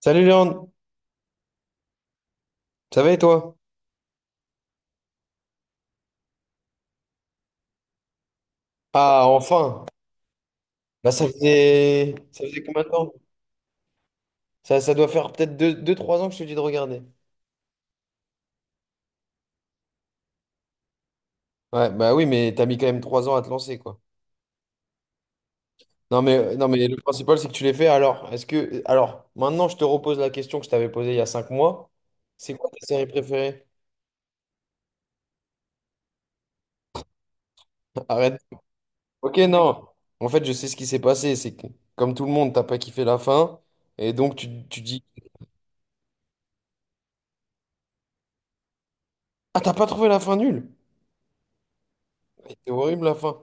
Salut Léon, ça va et toi? Ah, enfin! Bah, ça faisait combien de temps? Ça doit faire peut-être deux trois ans que je te dis de regarder. Ouais, bah oui, mais t'as mis quand même 3 ans à te lancer, quoi. Non, mais, non, mais le principal, c'est que tu l'as fait. Alors, maintenant, je te repose la question que je t'avais posée il y a 5 mois. C'est quoi ta série préférée? Arrête. Ok, non. En fait, je sais ce qui s'est passé. C'est que, comme tout le monde, t'as pas kiffé la fin. Et donc, tu dis... Ah, t'as pas trouvé la fin nulle? C'était horrible, la fin.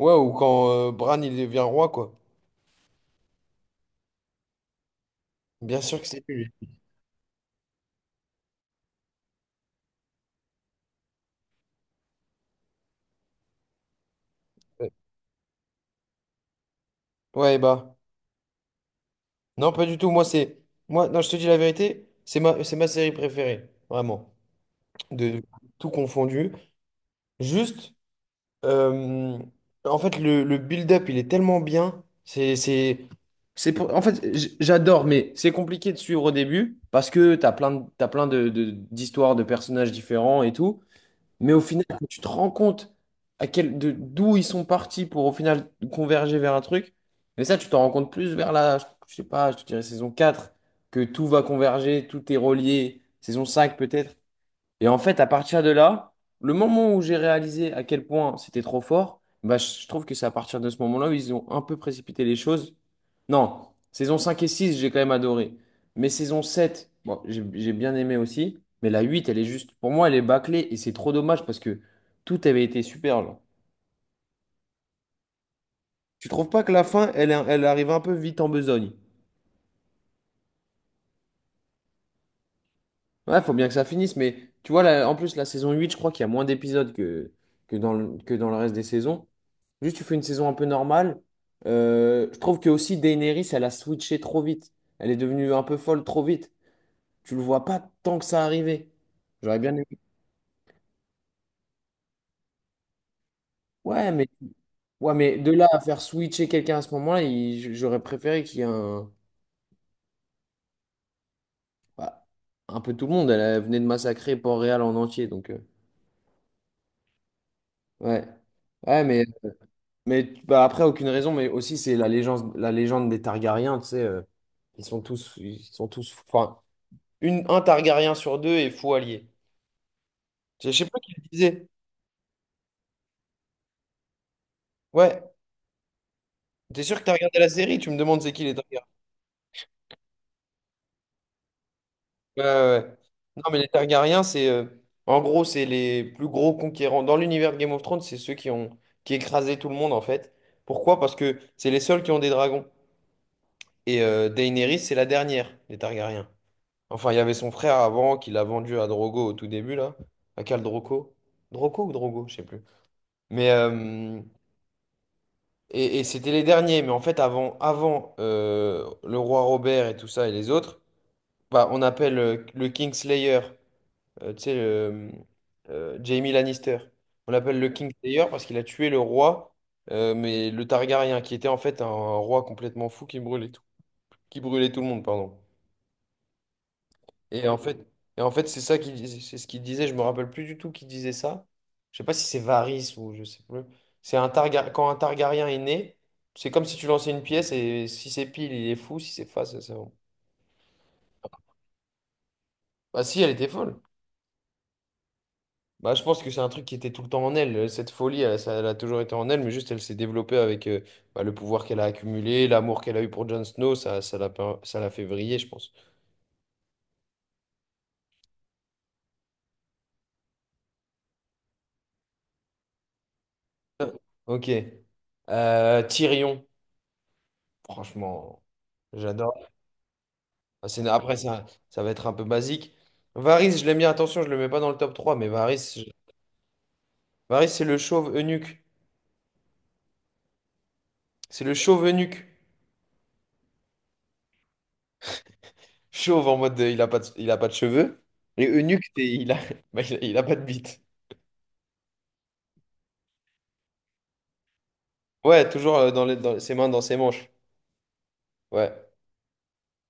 Ouais, ou quand Bran, il devient roi, quoi. Bien sûr que c'est lui. Ouais, ouais, bah. Non, pas du tout. Moi, c'est. Moi, non, je te dis la vérité, c'est ma série préférée. Vraiment. De tout confondu. Juste. Euh, En fait, le build-up, il est tellement bien. En fait, j'adore, mais c'est compliqué de suivre au début parce que t'as plein de- d'histoires, de personnages différents et tout. Mais au final, quand tu te rends compte d'où ils sont partis pour au final converger vers un truc, mais ça, tu t'en rends compte plus je sais pas, je te dirais saison 4 que tout va converger, tout est relié, saison 5 peut-être. Et en fait, à partir de là, le moment où j'ai réalisé à quel point c'était trop fort, bah, je trouve que c'est à partir de ce moment-là où ils ont un peu précipité les choses. Non, saison 5 et 6, j'ai quand même adoré. Mais saison 7, bon, j'ai bien aimé aussi. Mais la 8, elle est juste, pour moi, elle est bâclée et c'est trop dommage parce que tout avait été super, là. Tu trouves pas que la fin, elle, elle arrive un peu vite en besogne? Ouais, faut bien que ça finisse, mais tu vois, là, en plus, la saison 8 je crois qu'il y a moins d'épisodes que dans le reste des saisons. Juste, tu fais une saison un peu normale. Je trouve que aussi Daenerys, elle a switché trop vite. Elle est devenue un peu folle trop vite. Tu le vois pas tant que ça arrivait. J'aurais bien aimé. Ouais, mais, ouais, mais de là à faire switcher quelqu'un à ce moment-là, j'aurais préféré qu'il y ait un, bah, un peu tout le monde. Elle, elle venait de massacrer Port-Réal en entier, donc ouais. Ouais, mais après, aucune raison, mais aussi c'est la légende des Targaryens, tu sais, ils sont tous, enfin, un Targaryen sur deux est faux allié. Je sais pas qui le disait. Ouais, t'es sûr que t'as regardé la série, tu me demandes c'est qui les Targaryens. Ouais, ouais, ouais. Non, mais les Targaryens, en gros, c'est les plus gros conquérants. Dans l'univers de Game of Thrones, c'est ceux qui ont, qui écrasaient tout le monde, en fait. Pourquoi? Parce que c'est les seuls qui ont des dragons. Et Daenerys, c'est la dernière des Targaryens. Enfin, il y avait son frère avant qui l'a vendu à Drogo au tout début, là. À Khal Drogo? Drogo ou Drogo, je sais plus. Mais, euh, et c'était les derniers. Mais en fait, avant le roi Robert et tout ça et les autres, bah, on appelle le Kingslayer, tu sais, Jaime Lannister. On l'appelle le Kingslayer parce qu'il a tué le roi, mais le Targaryen, qui était en fait un roi complètement fou qui brûlait tout le monde, pardon. Et en fait, et en fait, c'est ce qu'il disait, je me rappelle plus du tout qui disait ça. Je sais pas si c'est Varys ou je sais plus. Quand un Targaryen est né, c'est comme si tu lançais une pièce et si c'est pile, il est fou, si c'est face, c'est bon. Bah si, elle était folle. Bah je pense que c'est un truc qui était tout le temps en elle, cette folie, elle, ça, elle a toujours été en elle, mais juste elle s'est développée avec bah, le pouvoir qu'elle a accumulé, l'amour qu'elle a eu pour Jon Snow, ça, ça l'a fait vriller, je pense. Ok. Tyrion, franchement, j'adore. Ah, après, ça va être un peu basique. Varys, je l'aime bien. Attention, je le mets pas dans le top 3 mais Varys, Varys c'est le chauve eunuque. C'est le chauve eunuque. Chauve en mode il a pas de cheveux. Et eunuque, bah, il a pas de bite. Ouais, toujours dans ses mains, dans ses manches. Ouais.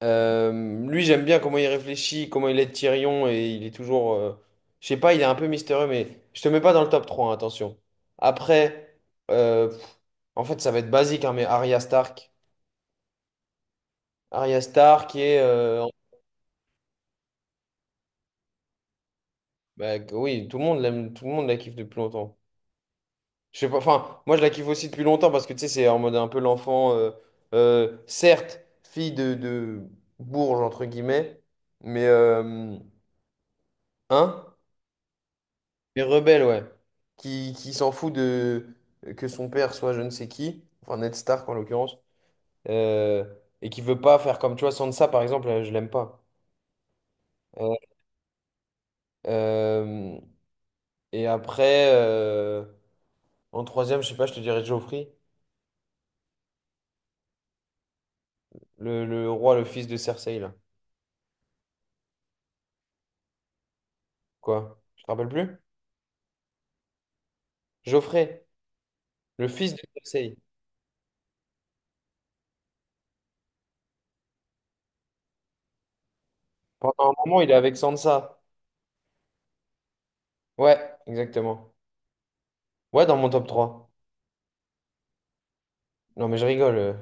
Lui, j'aime bien comment il réfléchit, comment il aide Tyrion. Et il est toujours. Je sais pas, il est un peu mystérieux, mais je te mets pas dans le top 3 hein, attention. Après, euh, pff, en fait, ça va être basique, hein, mais Arya Stark. Arya Star qui est Bah, oui, tout le monde l'aime, tout le monde la kiffe depuis longtemps, je sais pas, enfin moi je la kiffe aussi depuis longtemps parce que tu sais c'est en mode un peu l'enfant, certes fille de bourge entre guillemets mais euh, hein, mais rebelle, ouais, qui s'en fout de que son père soit je ne sais qui, enfin Ned Stark en l'occurrence, euh, et qui veut pas faire comme tu vois Sansa par exemple, je l'aime pas. Euh, euh, et après En troisième, je sais pas, je te dirais Geoffrey, le roi, le fils de Cersei, là. Quoi? Tu te rappelles plus? Geoffrey, le fils de Cersei. Pendant un moment, il est avec Sansa. Ouais, exactement. Ouais, dans mon top 3. Non, mais je rigole.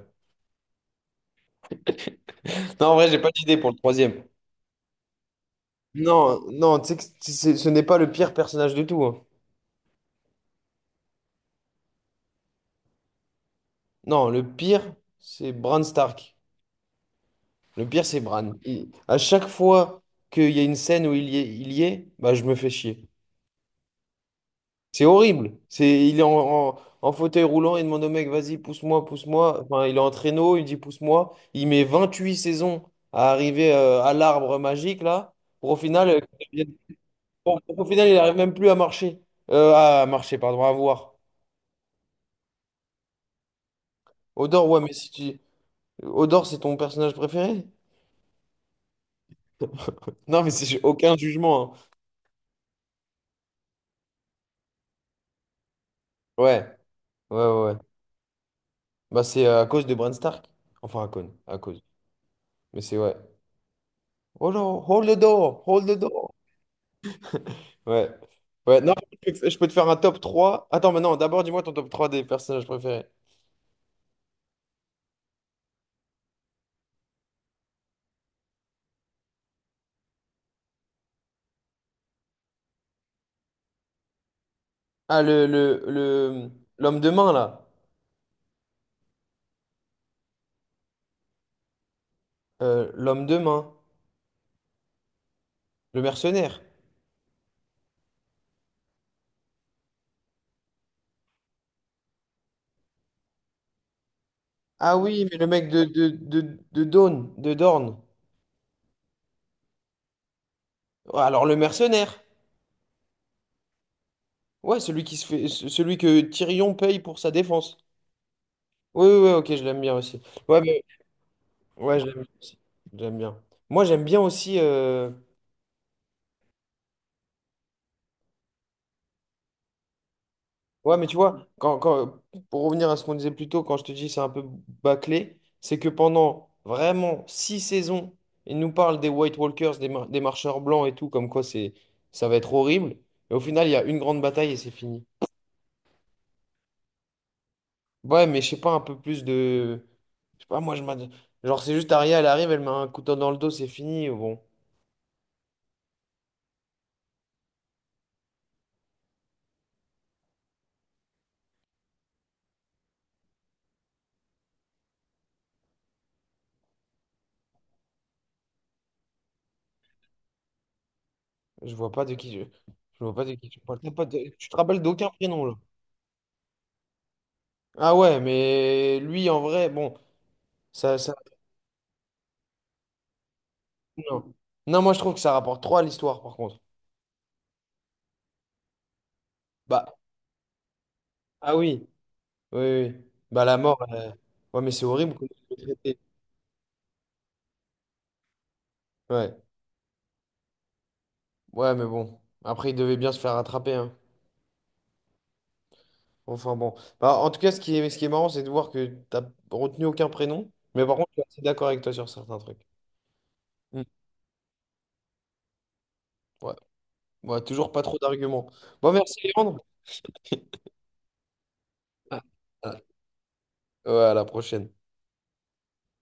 Non, en vrai, j'ai pas d'idée pour le troisième. Non, non, tu sais que ce n'est pas le pire personnage de tout. Hein. Non, le pire, c'est Bran Stark. Le pire, c'est Bran. À chaque fois qu'il y a une scène où il y est, bah, je me fais chier. C'est horrible. Il est en, en fauteuil roulant, il demande au mec, vas-y, pousse-moi, pousse-moi. Enfin, il est en traîneau, il dit, pousse-moi. Il met 28 saisons à arriver à l'arbre magique, là, pour au final, euh, qu'il devienne- pour au final, il n'arrive même plus à marcher. À marcher, pardon, à voir. Odor, ouais, mais si tu... Odor, c'est ton personnage préféré? Non, mais c'est j'ai aucun jugement. Hein. Ouais, ouais, ouais. Ouais. Bah, c'est à cause de Bran Stark. Enfin, à cause. À cause. Mais c'est ouais. Oh non, hold the door, hold the door. Ouais. Ouais, non, je peux te faire un top trois. Attends, mais non, d'abord, dis-moi ton top 3 des personnages préférés. Ah, l'homme de main, là. L'homme de main. Le mercenaire. Ah oui, mais le mec de Dorne. Ouais, alors, le mercenaire. Ouais, celui qui se fait, ce- celui que Tyrion paye pour sa défense. Oui, oui, oui, ok, je l'aime bien aussi. Ouais, mais, ouais, je l'aime bien aussi. J'aime bien. Moi, j'aime bien aussi. Ouais, mais tu vois, quand, pour revenir à ce qu'on disait plus tôt, quand je te dis c'est un peu bâclé, c'est que pendant vraiment 6 saisons, ils nous parlent des White Walkers, des marcheurs blancs et tout, comme quoi ça va être horrible. Et au final, il y a une grande bataille et c'est fini. Ouais, mais je sais pas, un peu plus de... je sais pas, moi, genre, c'est juste Arya, elle arrive, elle met un couteau dans le dos, c'est fini. Bon, je vois pas de qui je... je vois pas de qui tu parles. T'as pas de- Tu te rappelles d'aucun prénom, là. Ah ouais, mais lui, en vrai, bon, ça... Non. Non, moi je trouve que ça rapporte trop à l'histoire par contre. Bah, ah oui, oui, oui. Bah la mort, ouais, mais c'est horrible qu'on ait traité. Ouais, ouais, mais bon. Après, il devait bien se faire rattraper, hein. Enfin bon. Bah, en tout cas, ce qui est marrant, c'est de voir que t'as retenu aucun prénom. Mais par contre, je suis assez d'accord avec toi sur certains trucs. Mm. Ouais. Ouais, toujours pas trop d'arguments. Bon, merci Léandre. Ah, ah. Ouais, à la prochaine.